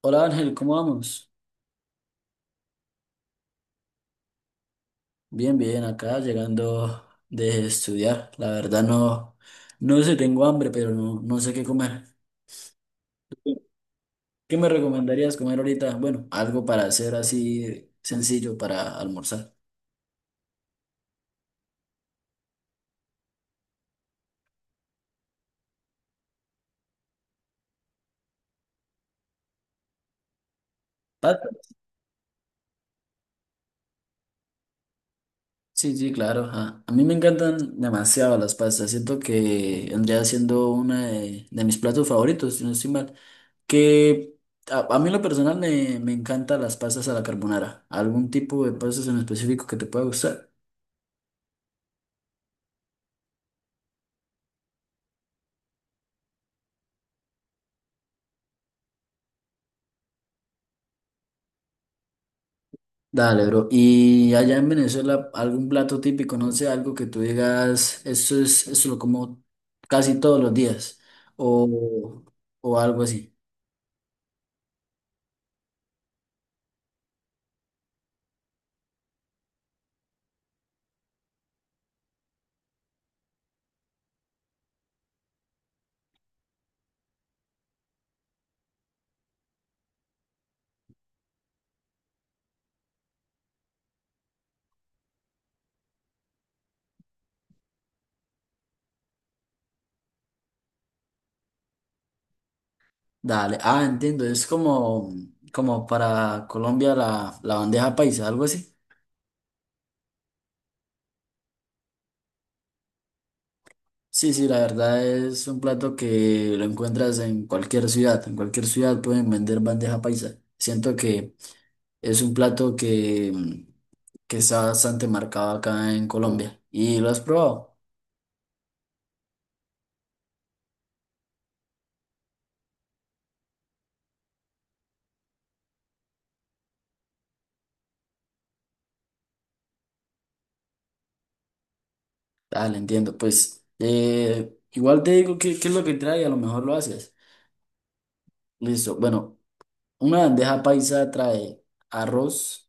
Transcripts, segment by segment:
Hola Ángel, ¿cómo vamos? Bien, bien, acá llegando de estudiar. La verdad no, no sé, tengo hambre, pero no, no sé qué comer. ¿Qué me recomendarías comer ahorita? Bueno, algo para hacer así sencillo para almorzar. ¿Patas? Sí, sí, claro, ajá. A mí me encantan demasiado las pastas. Siento que vendría siendo una de mis platos favoritos, si no estoy mal. Que a mí en lo personal me encantan las pastas a la carbonara. ¿Algún tipo de pastas en específico que te pueda gustar? Dale, bro. Y allá en Venezuela, algún plato típico, no sé, algo que tú digas, eso es, eso lo como casi todos los días, o, o algo así. Dale. Ah, entiendo, es como, como para Colombia la bandeja paisa, algo así. Sí, sí, la verdad es un plato que lo encuentras en cualquier ciudad. En cualquier ciudad pueden vender bandeja paisa. Siento que es un plato que está bastante marcado acá en Colombia. ¿Y lo has probado? Dale, entiendo. Pues igual te digo qué es lo que trae, a lo mejor lo haces. Listo. Bueno, una bandeja paisa trae arroz,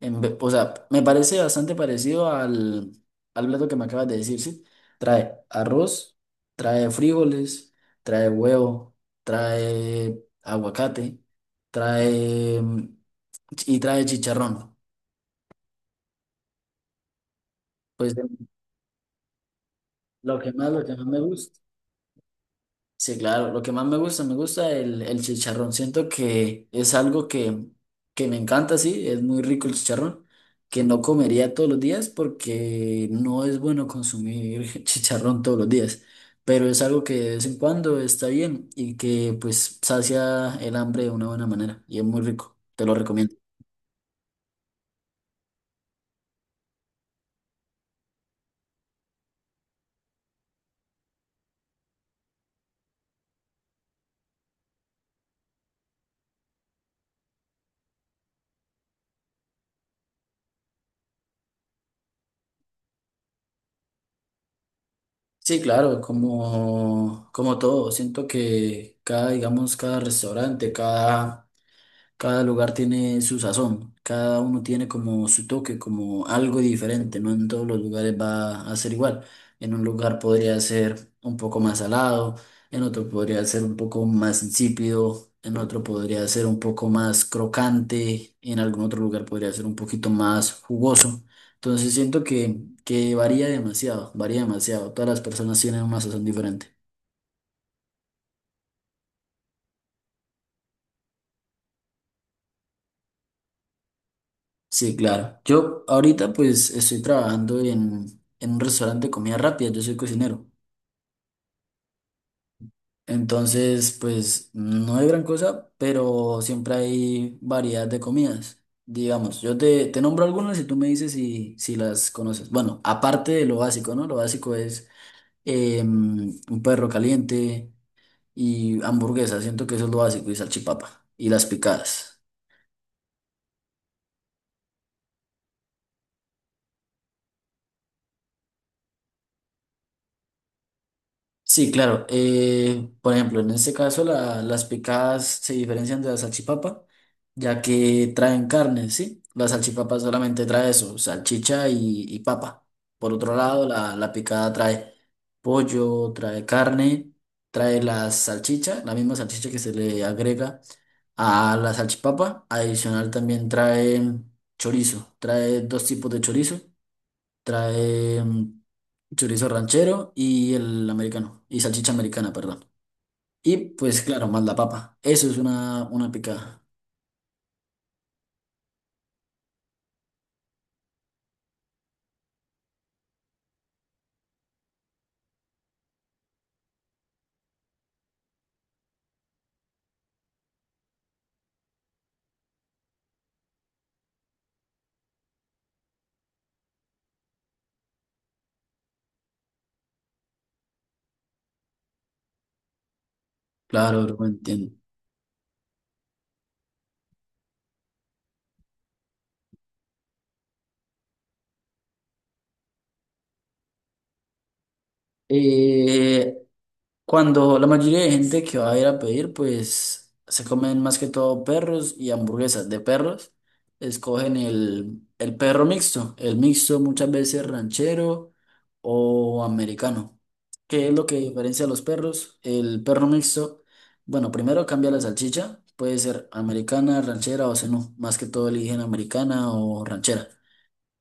o sea, me parece bastante parecido al plato que me acabas de decir, ¿sí? Trae arroz, trae frijoles, trae huevo, trae aguacate, trae mm, y trae chicharrón. Pues lo que más me gusta. Sí, claro, lo que más me gusta el chicharrón. Siento que es algo que me encanta, sí, es muy rico el chicharrón, que no comería todos los días porque no es bueno consumir chicharrón todos los días, pero es algo que de vez en cuando está bien y que pues sacia el hambre de una buena manera y es muy rico, te lo recomiendo. Sí, claro, como, como todo, siento que cada, digamos, cada restaurante, cada... Cada lugar tiene su sazón, cada uno tiene como su toque, como algo diferente, no en todos los lugares va a ser igual. En un lugar podría ser un poco más salado, en otro podría ser un poco más insípido, en otro podría ser un poco más crocante, en algún otro lugar podría ser un poquito más jugoso. Entonces siento que varía demasiado, varía demasiado. Todas las personas tienen una sazón diferente. Sí, claro. Yo ahorita pues estoy trabajando en un restaurante de comida rápida, yo soy cocinero. Entonces, pues no hay gran cosa, pero siempre hay variedad de comidas. Digamos, te nombro algunas y tú me dices si las conoces. Bueno, aparte de lo básico, ¿no? Lo básico es un perro caliente y hamburguesa, siento que eso es lo básico, y salchipapa y las picadas. Sí, claro. Por ejemplo, en este caso las picadas se diferencian de la salchipapa, ya que traen carne, ¿sí? La salchipapa solamente trae eso, salchicha y papa. Por otro lado, la picada trae pollo, trae carne, trae la salchicha, la misma salchicha que se le agrega a la salchipapa. Adicional también trae chorizo, trae dos tipos de chorizo, trae mm, chorizo ranchero y el americano, y salchicha americana, perdón. Y pues claro, más la papa. Eso es una picada. Claro, bro, entiendo. Eh, Cuando la mayoría de gente que va a ir a pedir, pues se comen más que todo perros y hamburguesas de perros. Escogen el perro mixto, el mixto muchas veces ranchero o americano. ¿Qué es lo que diferencia a los perros? El perro mixto, bueno, primero cambia la salchicha, puede ser americana, ranchera o no más que todo eligen americana o ranchera.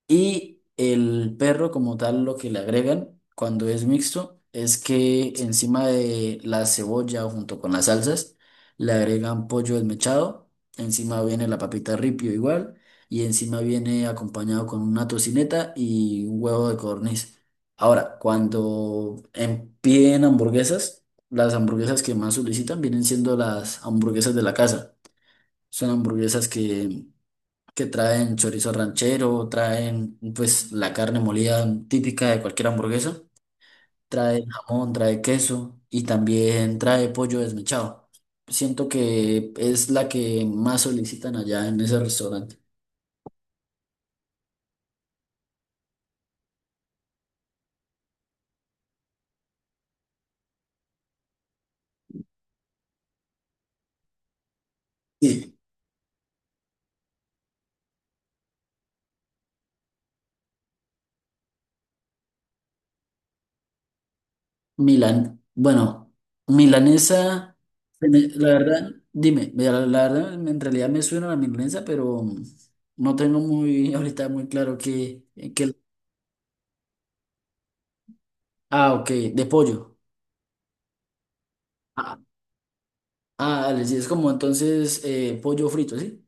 Y el perro como tal lo que le agregan cuando es mixto es que encima de la cebolla o junto con las salsas le agregan pollo desmechado, encima viene la papita ripio igual y encima viene acompañado con una tocineta y un huevo de codorniz. Ahora, cuando piden hamburguesas, las hamburguesas que más solicitan vienen siendo las hamburguesas de la casa. Son hamburguesas que traen chorizo ranchero, traen pues la carne molida típica de cualquier hamburguesa, trae jamón, trae queso y también trae pollo desmechado. Siento que es la que más solicitan allá en ese restaurante. Sí. Milan, bueno, milanesa, la verdad, dime, mira, la verdad en realidad me suena la milanesa, pero no tengo muy ahorita muy claro que, ah, ok, de pollo. Ah, ah, dale, sí, es como entonces pollo frito, ¿sí?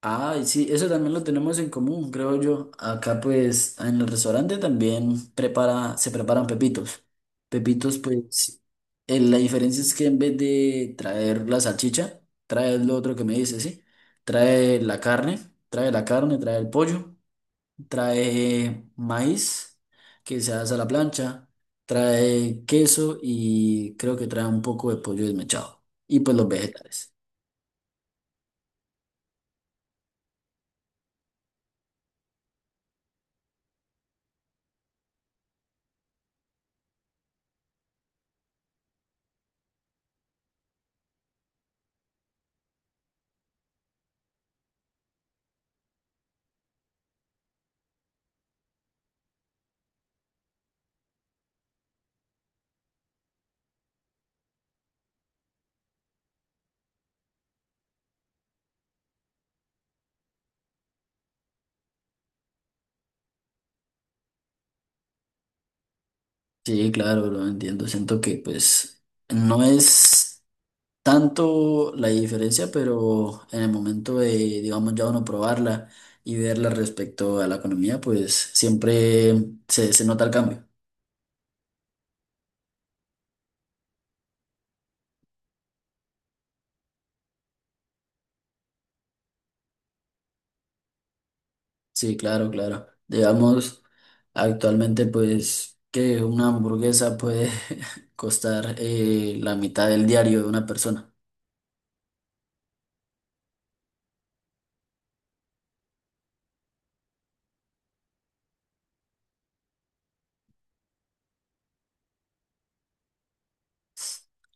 Ah, y sí, eso también lo tenemos en común, creo yo. Acá pues en el restaurante también prepara, se preparan pepitos. Pepitos pues, la diferencia es que en vez de traer la salchicha, trae lo otro que me dice, ¿sí? Trae la carne, trae la carne, trae el pollo, trae maíz que se hace a la plancha, trae queso y creo que trae un poco de pollo desmechado y pues los vegetales. Sí, claro, lo entiendo. Siento que pues no es tanto la diferencia, pero en el momento de, digamos, ya uno probarla y verla respecto a la economía, pues siempre se nota el cambio. Sí, claro, claro. Digamos, actualmente pues que una hamburguesa puede costar la mitad del diario de una persona.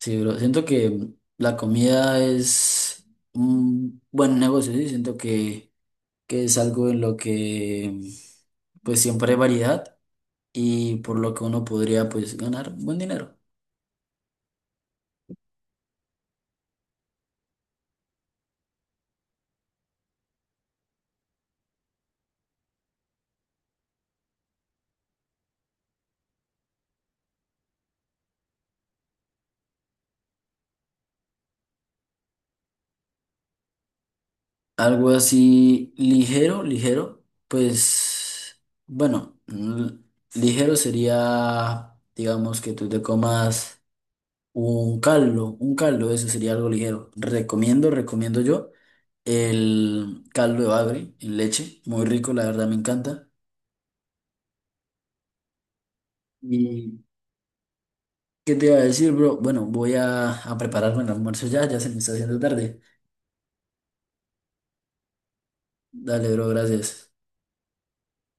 Sí, bro. Siento que la comida es un buen negocio, sí. Siento que es algo en lo que pues siempre hay variedad y por lo que uno podría pues ganar buen dinero. Algo así ligero, ligero, pues bueno, ligero sería, digamos, que tú te comas un caldo, eso sería algo ligero. Recomiendo, recomiendo yo el caldo de bagre en leche, muy rico, la verdad me encanta. y ¿Qué te iba a decir, bro? Bueno, voy a prepararme el almuerzo ya, ya se me está haciendo tarde. Dale, bro, gracias.